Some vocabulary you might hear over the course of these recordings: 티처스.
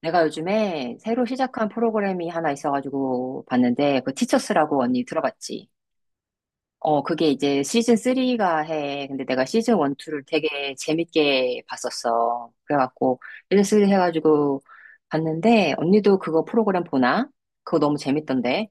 내가 요즘에 새로 시작한 프로그램이 하나 있어가지고 봤는데, 그 티처스라고 언니 들어봤지? 그게 이제 시즌 3가 해. 근데 내가 시즌 1, 2를 되게 재밌게 봤었어. 그래갖고, 시즌 3 해가지고 봤는데, 언니도 그거 프로그램 보나? 그거 너무 재밌던데?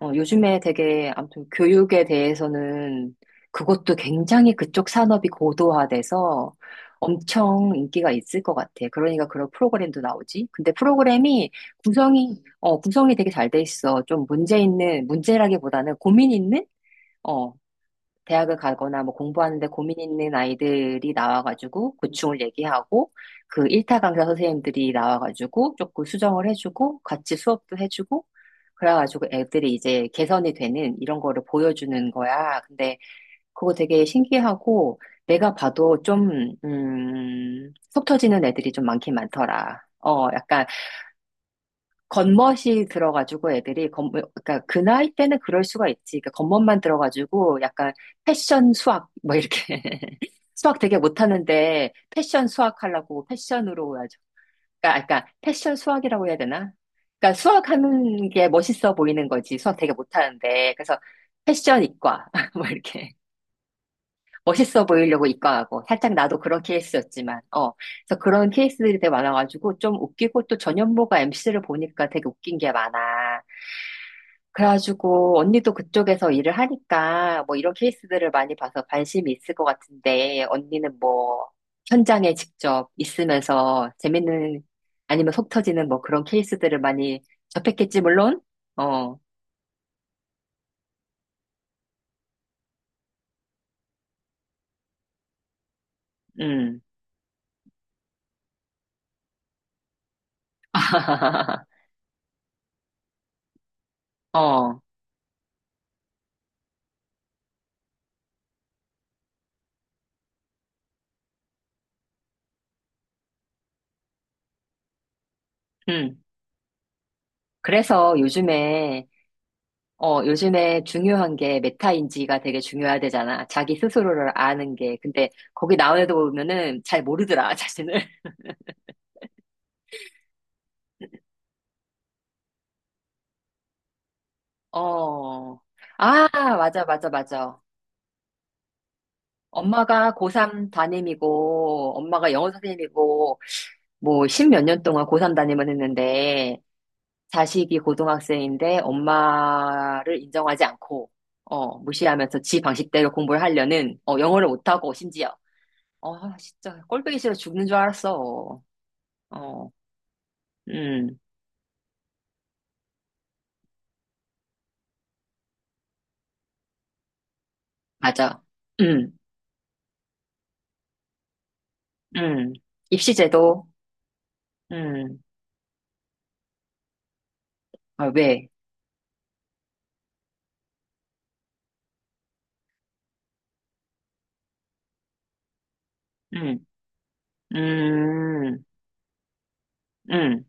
요즘에 되게 아무튼 교육에 대해서는 그것도 굉장히 그쪽 산업이 고도화돼서 엄청 인기가 있을 것 같아. 그러니까 그런 프로그램도 나오지. 근데 프로그램이 구성이 되게 잘 돼 있어. 좀 문제 있는, 문제라기보다는 고민 있는? 어, 대학을 가거나 뭐 공부하는데 고민 있는 아이들이 나와가지고 고충을 얘기하고 그 1타 강사 선생님들이 나와가지고 조금 수정을 해주고 같이 수업도 해주고 그래가지고 애들이 이제 개선이 되는 이런 거를 보여주는 거야. 근데 그거 되게 신기하고 내가 봐도 좀, 속 터지는 애들이 좀 많긴 많더라. 약간 겉멋이 들어가지고 그러니까 그 나이 때는 그럴 수가 있지. 그러니까 겉멋만 들어가지고 약간 패션 수학 뭐 이렇게 수학 되게 못하는데 패션 수학 하려고 패션으로 아주 그러니까 패션 수학이라고 해야 되나? 그러니까 수학하는 게 멋있어 보이는 거지. 수학 되게 못하는데 그래서 패션 이과 뭐 이렇게 멋있어 보이려고 이과하고 살짝 나도 그런 케이스였지만 그래서 그런 케이스들이 되게 많아가지고 좀 웃기고 또 전현무가 MC를 보니까 되게 웃긴 게 많아. 그래가지고 언니도 그쪽에서 일을 하니까 뭐 이런 케이스들을 많이 봐서 관심이 있을 것 같은데 언니는 뭐 현장에 직접 있으면서 재밌는 아니면 속 터지는 뭐 그런 케이스들을 많이 접했겠지 물론. 어, 음. 어, 음. 그래서 요즘에 중요한 게 메타인지가 되게 중요하대잖아. 자기 스스로를 아는 게. 근데 거기 나온 애들 보면은 잘 모르더라, 자신을. 어. 아, 맞아, 맞아, 맞아. 엄마가 고3 담임이고, 엄마가 영어 선생님이고, 뭐, 십몇 년 동안 고3 담임을 했는데, 자식이 고등학생인데, 엄마를 인정하지 않고, 무시하면서 지 방식대로 공부를 하려는, 영어를 못하고, 심지어. 진짜, 꼴보기 싫어 죽는 줄 알았어. 어, 음, 맞아. 음, 음. 입시제도, 음, 아, 왜? 음, 음, 음.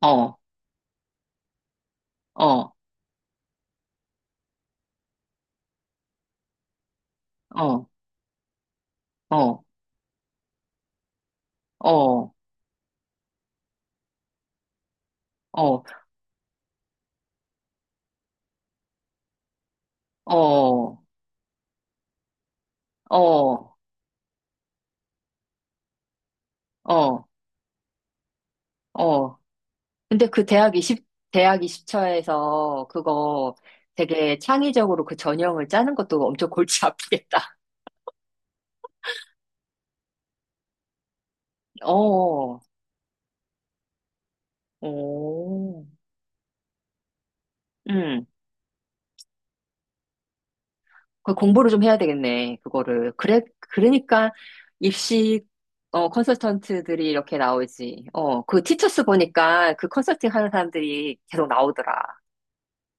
어, 어, 어, 어, 어, 어, 어, 어, 어, 어. 근데 그 대학 20처에서 그거 되게 창의적으로 그 전형을 짜는 것도 엄청 골치 아프겠다. 어, 오, 음, 그 공부를 좀 해야 되겠네, 그거를. 그래, 그러니까 입시, 컨설턴트들이 이렇게 나오지. 그 티처스 보니까 그 컨설팅 하는 사람들이 계속 나오더라.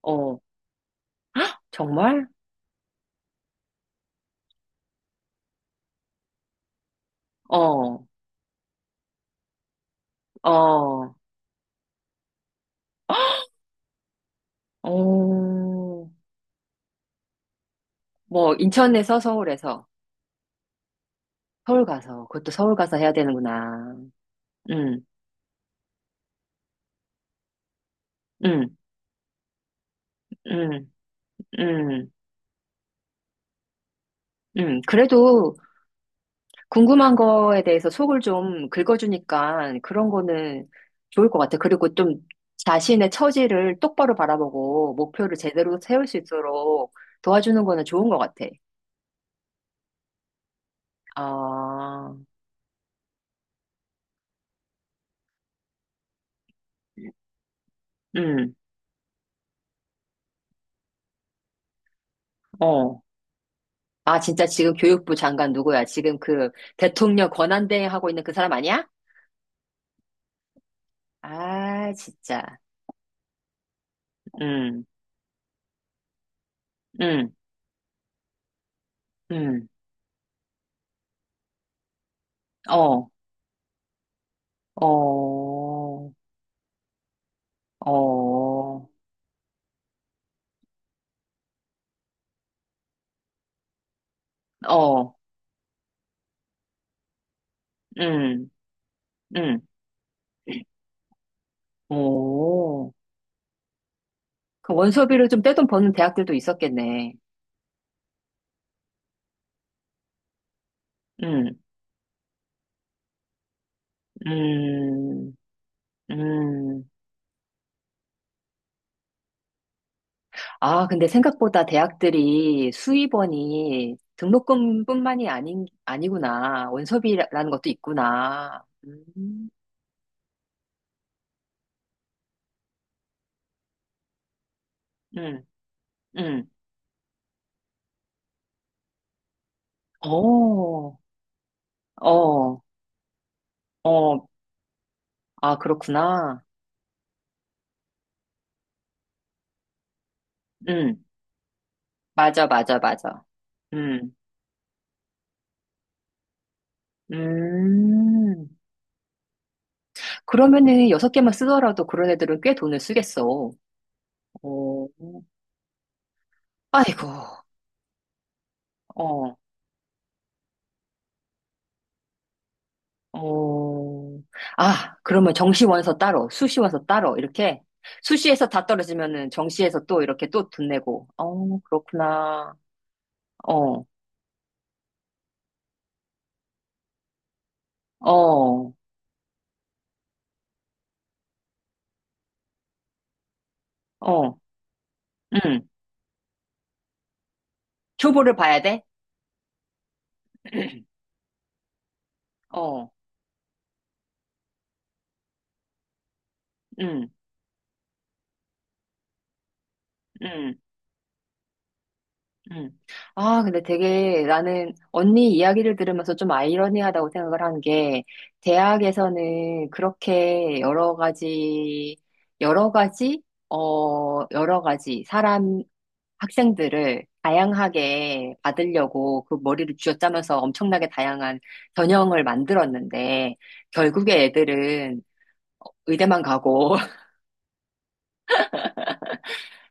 어, 정말? 어, 어, 어, 뭐, 인천에서 서울에서, 그것도 서울 가서 해야 되는구나. 응, 응, 응, 응, 응, 그래도 궁금한 거에 대해서 속을 좀 긁어주니까 그런 거는 좋을 것 같아. 그리고 좀 자신의 처지를 똑바로 바라보고 목표를 제대로 세울 수 있도록 도와주는 거는 좋은 것 같아. 아, 음, 어, 진짜 지금 교육부 장관 누구야? 지금 그 대통령 권한대행 하고 있는 그 사람 아니야? 아, 진짜. 음, 음, 음. 어, 어, 어, 어, 음, 음. 오. 그 원서비를 좀 떼돈 버는 대학들도 있었겠네. 음, 음, 음. 아, 근데 생각보다 대학들이 수입원이 등록금뿐만이 아닌, 아니구나. 원서비라는 것도 있구나. 음, 음. 어, 어, 어. 아, 그렇구나. 음, 맞아, 맞아, 맞아. 음, 음. 그러면은 여섯 개만 쓰더라도 그런 애들은 꽤 돈을 쓰겠어. 어, 아이고, 어. 어, 아, 그러면 정시원서 따로, 수시원서 따로, 이렇게. 수시에서 다 떨어지면은 정시에서 또 이렇게 또 돈 내고. 어, 그렇구나. 어, 어, 어, 음. 초보를 봐야 돼? 어, 음, 음, 음. 아, 근데 되게 나는 언니 이야기를 들으면서 좀 아이러니하다고 생각을 한 게, 대학에서는 그렇게 여러 가지, 여러 가지, 어, 여러 가지 사람, 학생들을 다양하게 받으려고 그 머리를 쥐어짜면서 엄청나게 다양한 전형을 만들었는데 결국에 애들은 의대만 가고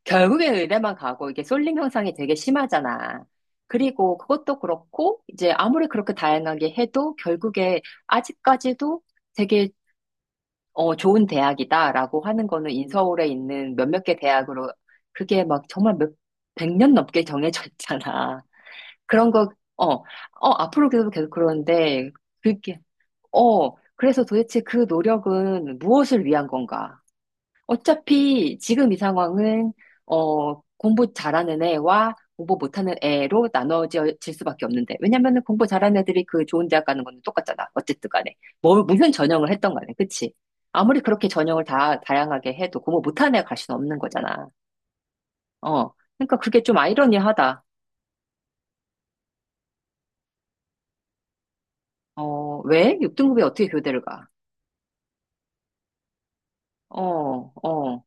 결국에 의대만 가고 이게 쏠림 현상이 되게 심하잖아. 그리고 그것도 그렇고 이제 아무리 그렇게 다양하게 해도 결국에 아직까지도 되게 좋은 대학이다라고 하는 거는 인서울에 있는 몇몇 개 대학으로 그게 막 정말 몇 백년 넘게 정해져 있잖아. 그런 거, 어, 어, 앞으로 계속 계속 그러는데, 그게, 그래서 도대체 그 노력은 무엇을 위한 건가? 어차피 지금 이 상황은, 공부 잘하는 애와 공부 못하는 애로 나눠질 수밖에 없는데, 왜냐면은 공부 잘하는 애들이 그 좋은 대학 가는 건 똑같잖아. 어쨌든 간에. 뭐, 무슨 전형을 했던 간에, 그치? 아무리 그렇게 전형을 다양하게 해도 공부 못하는 애가 갈 수는 없는 거잖아. 어. 그러니까 그게 좀 아이러니하다. 어, 왜? 6등급이 어떻게 교대를 가? 어, 어,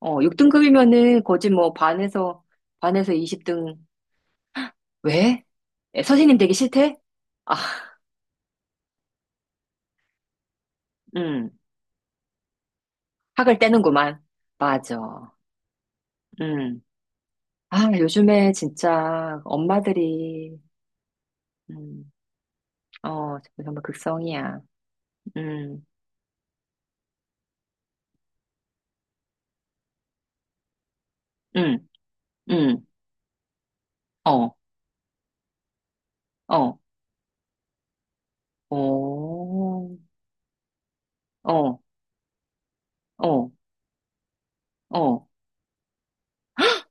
어, 6등급이면은 거지 뭐 반에서 20등. 왜? 에, 선생님 되기 싫대? 아, 음, 학을 떼는구만. 맞아. 음. 아, 요즘에 진짜 엄마들이, 음, 어, 정말 극성이야. 음, 음, 음, 어, 어, 오, 어, 어, 어,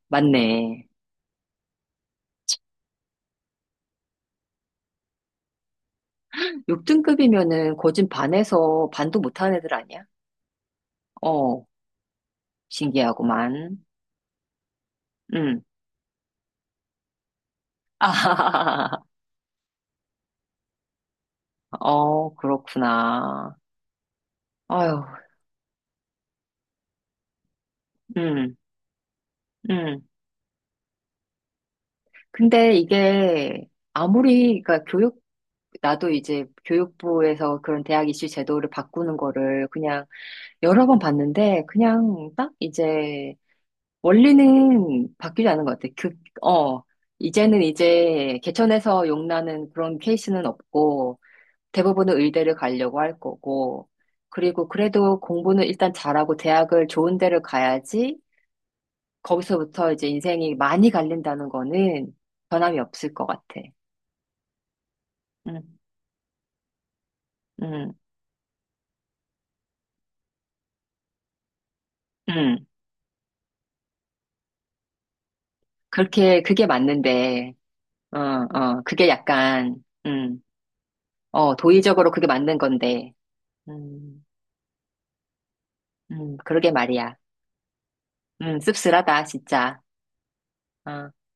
맞네. 6등급이면은 거진 반에서 반도 못하는 애들 아니야? 어, 신기하구만. 음. 아, 어, 그렇구나. 아유, 음, 음. 근데 이게 아무리, 그러니까 교육, 나도 이제 교육부에서 그런 대학 입시 제도를 바꾸는 거를 그냥 여러 번 봤는데, 그냥 딱 이제 원리는 바뀌지 않은 것 같아. 어, 이제는 이제 개천에서 욕 나는 그런 케이스는 없고, 대부분은 의대를 가려고 할 거고, 그리고 그래도 공부는 일단 잘하고 대학을 좋은 데를 가야지, 거기서부터 이제 인생이 많이 갈린다는 거는 변함이 없을 것 같아. 응, 응, 응. 그게 맞는데, 어, 어, 그게 약간, 도의적으로 그게 맞는 건데, 음, 그러게 말이야. 씁쓸하다, 진짜. 어.